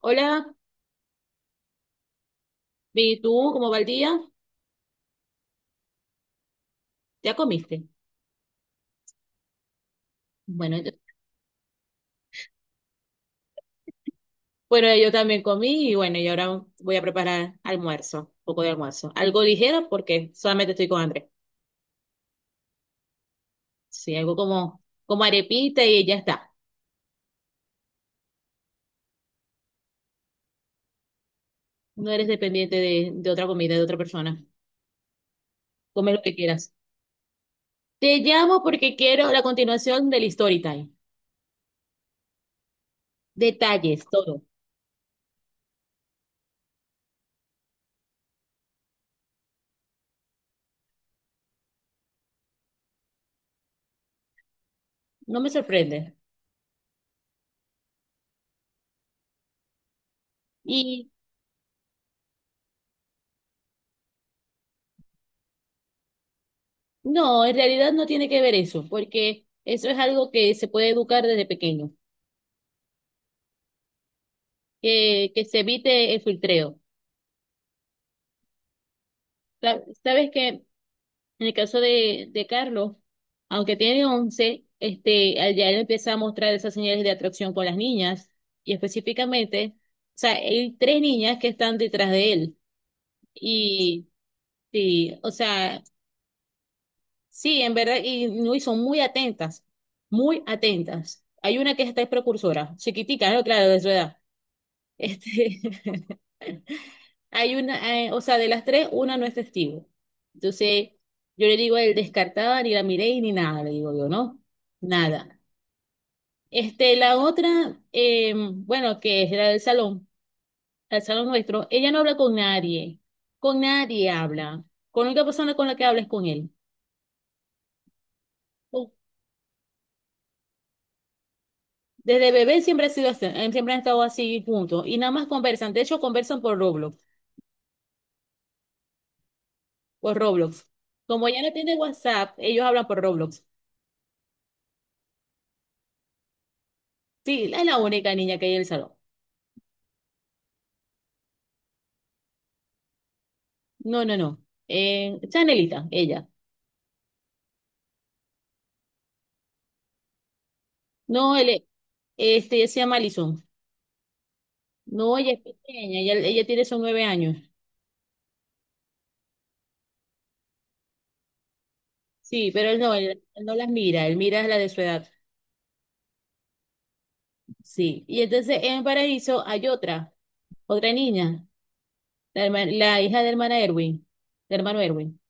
Hola, ¿y tú cómo va el día? ¿Ya comiste? Bueno, yo, bueno, yo también comí y bueno, ahora voy a preparar almuerzo, un poco de almuerzo. Algo ligero porque solamente estoy con hambre. Sí, algo como arepita y ya está. No eres dependiente de otra comida, de otra persona. Come lo que quieras. Te llamo porque quiero la continuación del story time. Detalles, todo. No me sorprende. Y no, en realidad no tiene que ver eso, porque eso es algo que se puede educar desde pequeño. Que se evite el filtreo. Sabes que en el caso de Carlos, aunque tiene 11 este, al ya él empieza a mostrar esas señales de atracción con las niñas, y específicamente, o sea, hay tres niñas que están detrás de él. Y sí, o sea, sí, en verdad, y, no, y son muy atentas, muy atentas. Hay una que está es precursora, chiquitica, ¿no? Claro, de su edad. Este, Hay una, o sea, de las tres, una no es testigo. Entonces, yo le digo, a él descartaba, ni la miré y ni nada, le digo yo, ¿no? Nada. La otra, bueno, que es la del salón, el salón nuestro, ella no habla con nadie habla. Con la única persona con la que habla es con él. Oh, desde bebé siempre ha sido así, siempre han estado así, juntos. Y nada más conversan, de hecho conversan por Roblox, por Roblox. Como ella no tiene WhatsApp, ellos hablan por Roblox. Sí, es la única niña que hay en el salón. No, no, no. Chanelita, ella. No, ella se llama Alison. No, ella es pequeña, ella tiene son 9 años. Sí, pero él no las mira, él mira a la de su edad. Sí. Y entonces en Paraíso hay otra, otra niña, la hija de hermana Erwin, de hermano Erwin.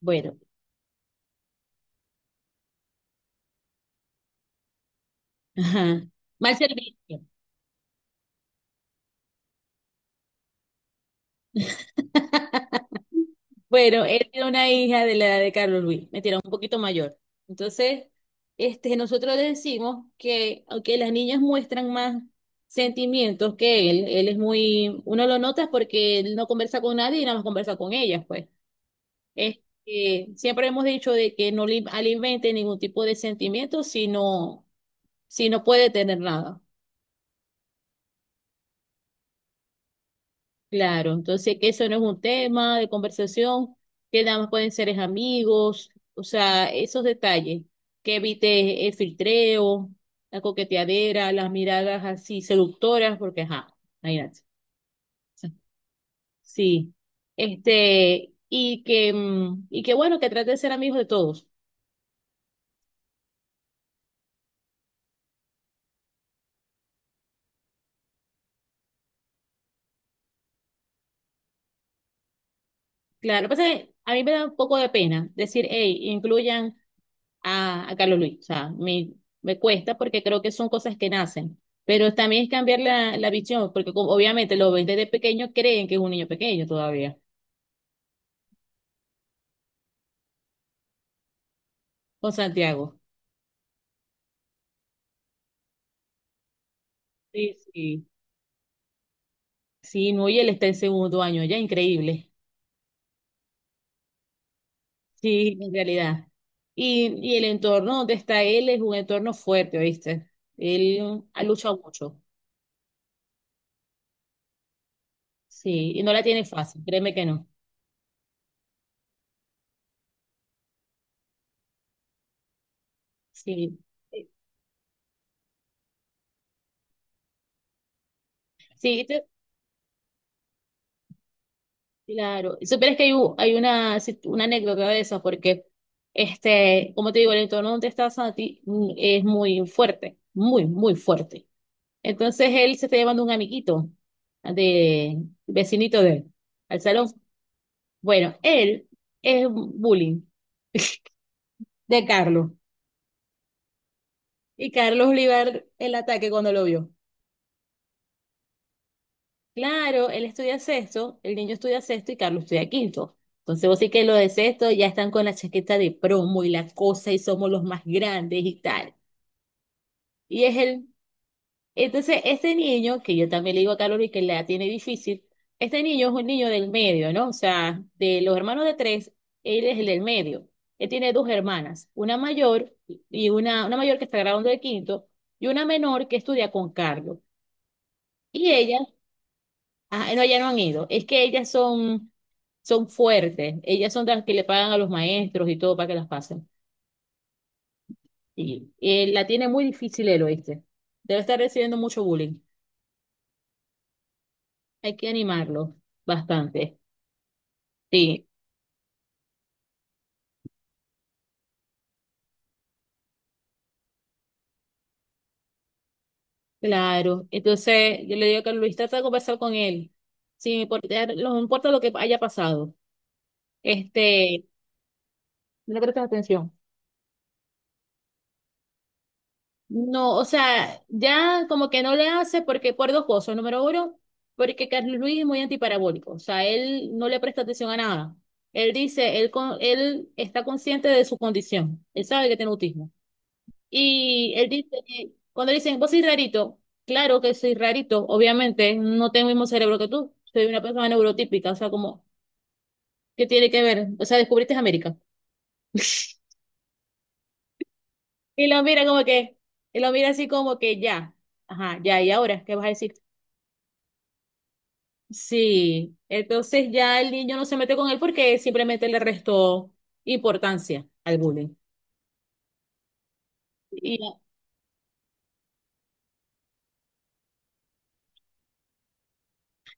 Bueno, ajá. Mal servicio. Bueno, él era una hija de la de Carlos Luis, me tira un poquito mayor. Entonces, nosotros le decimos que, aunque las niñas muestran más sentimientos que él es muy, uno lo nota porque él no conversa con nadie y nada más conversa con ellas, pues. Es que siempre hemos dicho de que no le alimente ningún tipo de sentimiento si no, si no puede tener nada. Claro, entonces que eso no es un tema de conversación, que nada más pueden ser es amigos, o sea, esos detalles, que evite el filtreo, la coqueteadera, las miradas así seductoras, porque ajá, imagínate. Sí. Este, y que, y que bueno, que trate de ser amigos de todos. Claro, lo que pasa es que a mí me da un poco de pena decir, hey, incluyan a Carlos Luis. O sea, me cuesta porque creo que son cosas que nacen. Pero también es cambiar la visión, porque como obviamente los ven desde pequeño, creen que es un niño pequeño todavía, con Santiago. Sí, sí. Sí, no, y él está en segundo año, ya increíble. Sí, en realidad. Y el entorno donde está él es un entorno fuerte, ¿oíste? Él ha luchado mucho. Sí, y no la tiene fácil, créeme que no. Sí. Sí, claro, y supieras que hay, u- hay una, si- una anécdota de eso, porque, como te digo, el entorno donde estás a ti es muy fuerte, muy, muy fuerte. Entonces él se está llevando un amiguito de vecinito de él al salón. Bueno, él es bullying de Carlos, y Carlos le iba a dar el ataque cuando lo vio. Claro, él estudia sexto, el niño estudia sexto y Carlos estudia quinto. Entonces vos sí que lo de sexto ya están con la chaqueta de promo y la cosa y somos los más grandes y tal. Y es el, entonces este niño, que yo también le digo a Carlos y que la tiene difícil, este niño es un niño del medio, ¿no? O sea, de los hermanos de tres, él es el del medio. Él tiene dos hermanas, una mayor y una mayor que está graduando de quinto y una menor que estudia con Carlos. Y ella Ah, no, ya no han ido. Es que ellas son, son fuertes. Ellas son las que le pagan a los maestros y todo para que las pasen. Y la tiene muy difícil el oíste. Debe estar recibiendo mucho bullying. Hay que animarlo bastante. Sí, claro. Entonces, yo le digo que Luis trata de conversar con él. Sí, porque no importa lo que haya pasado. Este, no le prestas atención. No, o sea, ya como que no le hace porque por dos cosas. Número uno, porque Carlos Luis es muy antiparabólico, o sea, él no le presta atención a nada. Él dice, él está consciente de su condición, él sabe que tiene autismo. Y él dice, cuando le dicen, vos sois rarito, claro que soy rarito, obviamente, no tengo el mismo cerebro que tú, soy una persona neurotípica, o sea, como, ¿qué tiene que ver? O sea, descubriste América. Y lo mira como que, y lo mira así como que ya, ajá, ya, ¿y ahora qué vas a decir? Sí, entonces ya el niño no se mete con él porque simplemente le restó importancia al bullying. Y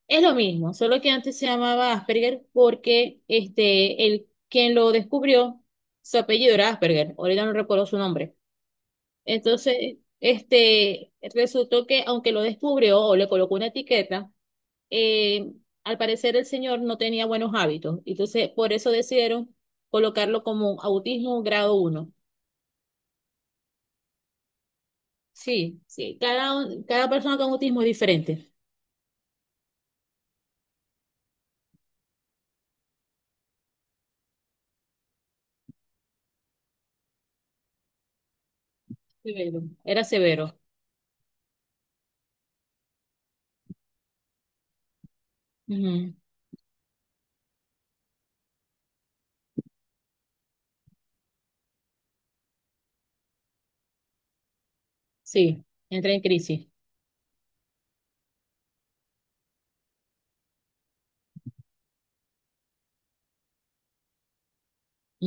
es lo mismo, solo que antes se llamaba Asperger porque este, el, quien lo descubrió, su apellido era Asperger, ahorita no recuerdo su nombre. Entonces, resultó que aunque lo descubrió o le colocó una etiqueta, eh, al parecer el señor no tenía buenos hábitos. Entonces, por eso decidieron colocarlo como autismo grado 1. Sí, sí, cada persona con autismo es diferente. Severo. Era severo. Ujú. Sí, entra en crisis.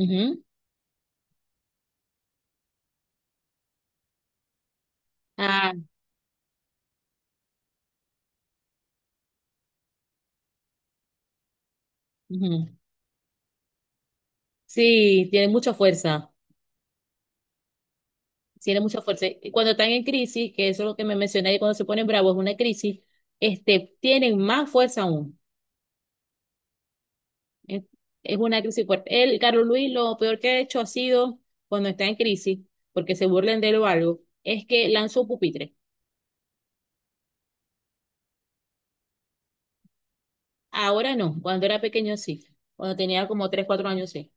Ujú. Ah, ujú. Sí, tiene mucha fuerza. Tiene mucha fuerza. Y cuando están en crisis, que eso es lo que me mencioné, y cuando se ponen bravos, una crisis, tienen más fuerza aún. Es, es una crisis fuerte. Él, Carlos Luis, lo peor que ha hecho ha sido cuando está en crisis, porque se burlen de él o algo, es que lanzó un pupitre. Ahora no, cuando era pequeño sí, cuando tenía como 3 4 años sí,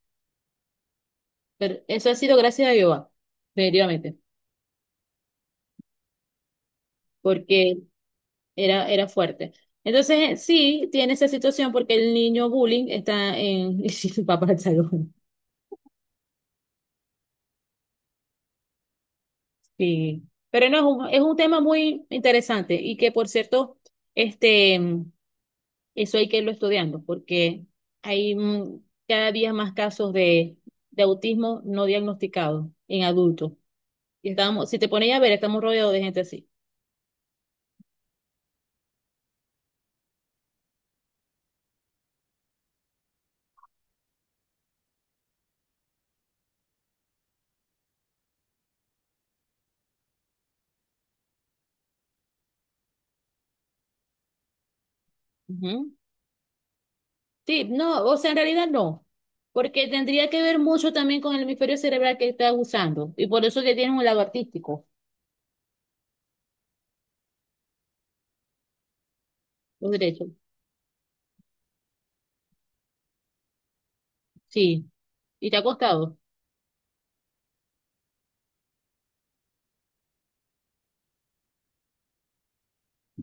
pero eso ha sido gracias a Jehová, definitivamente, porque era fuerte. Entonces sí, tiene esa situación porque el niño bullying está en su papá del salón. Sí. Pero no, es un, tema muy interesante y que por cierto, este, eso hay que irlo estudiando porque hay cada día más casos de autismo no diagnosticado en adultos. Y estábamos, si te pones a ver, estamos rodeados de gente así. Ujú. Sí, no, o sea, en realidad no, porque tendría que ver mucho también con el hemisferio cerebral que estás usando, y por eso que tienes un lado artístico, los derechos. Sí, y te ha costado.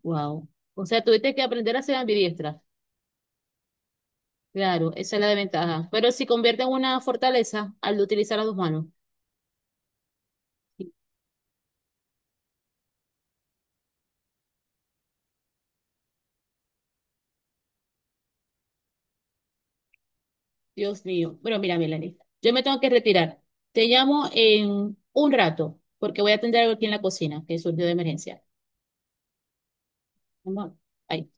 Wow. O sea, tuviste que aprender a ser ambidiestra. Claro, esa es la desventaja. Pero si convierte en una fortaleza al utilizar las dos manos. Dios mío. Bueno, mira, Melanie, yo me tengo que retirar. Te llamo en un rato porque voy a atender algo aquí en la cocina que surgió de emergencia. Vamos, bye.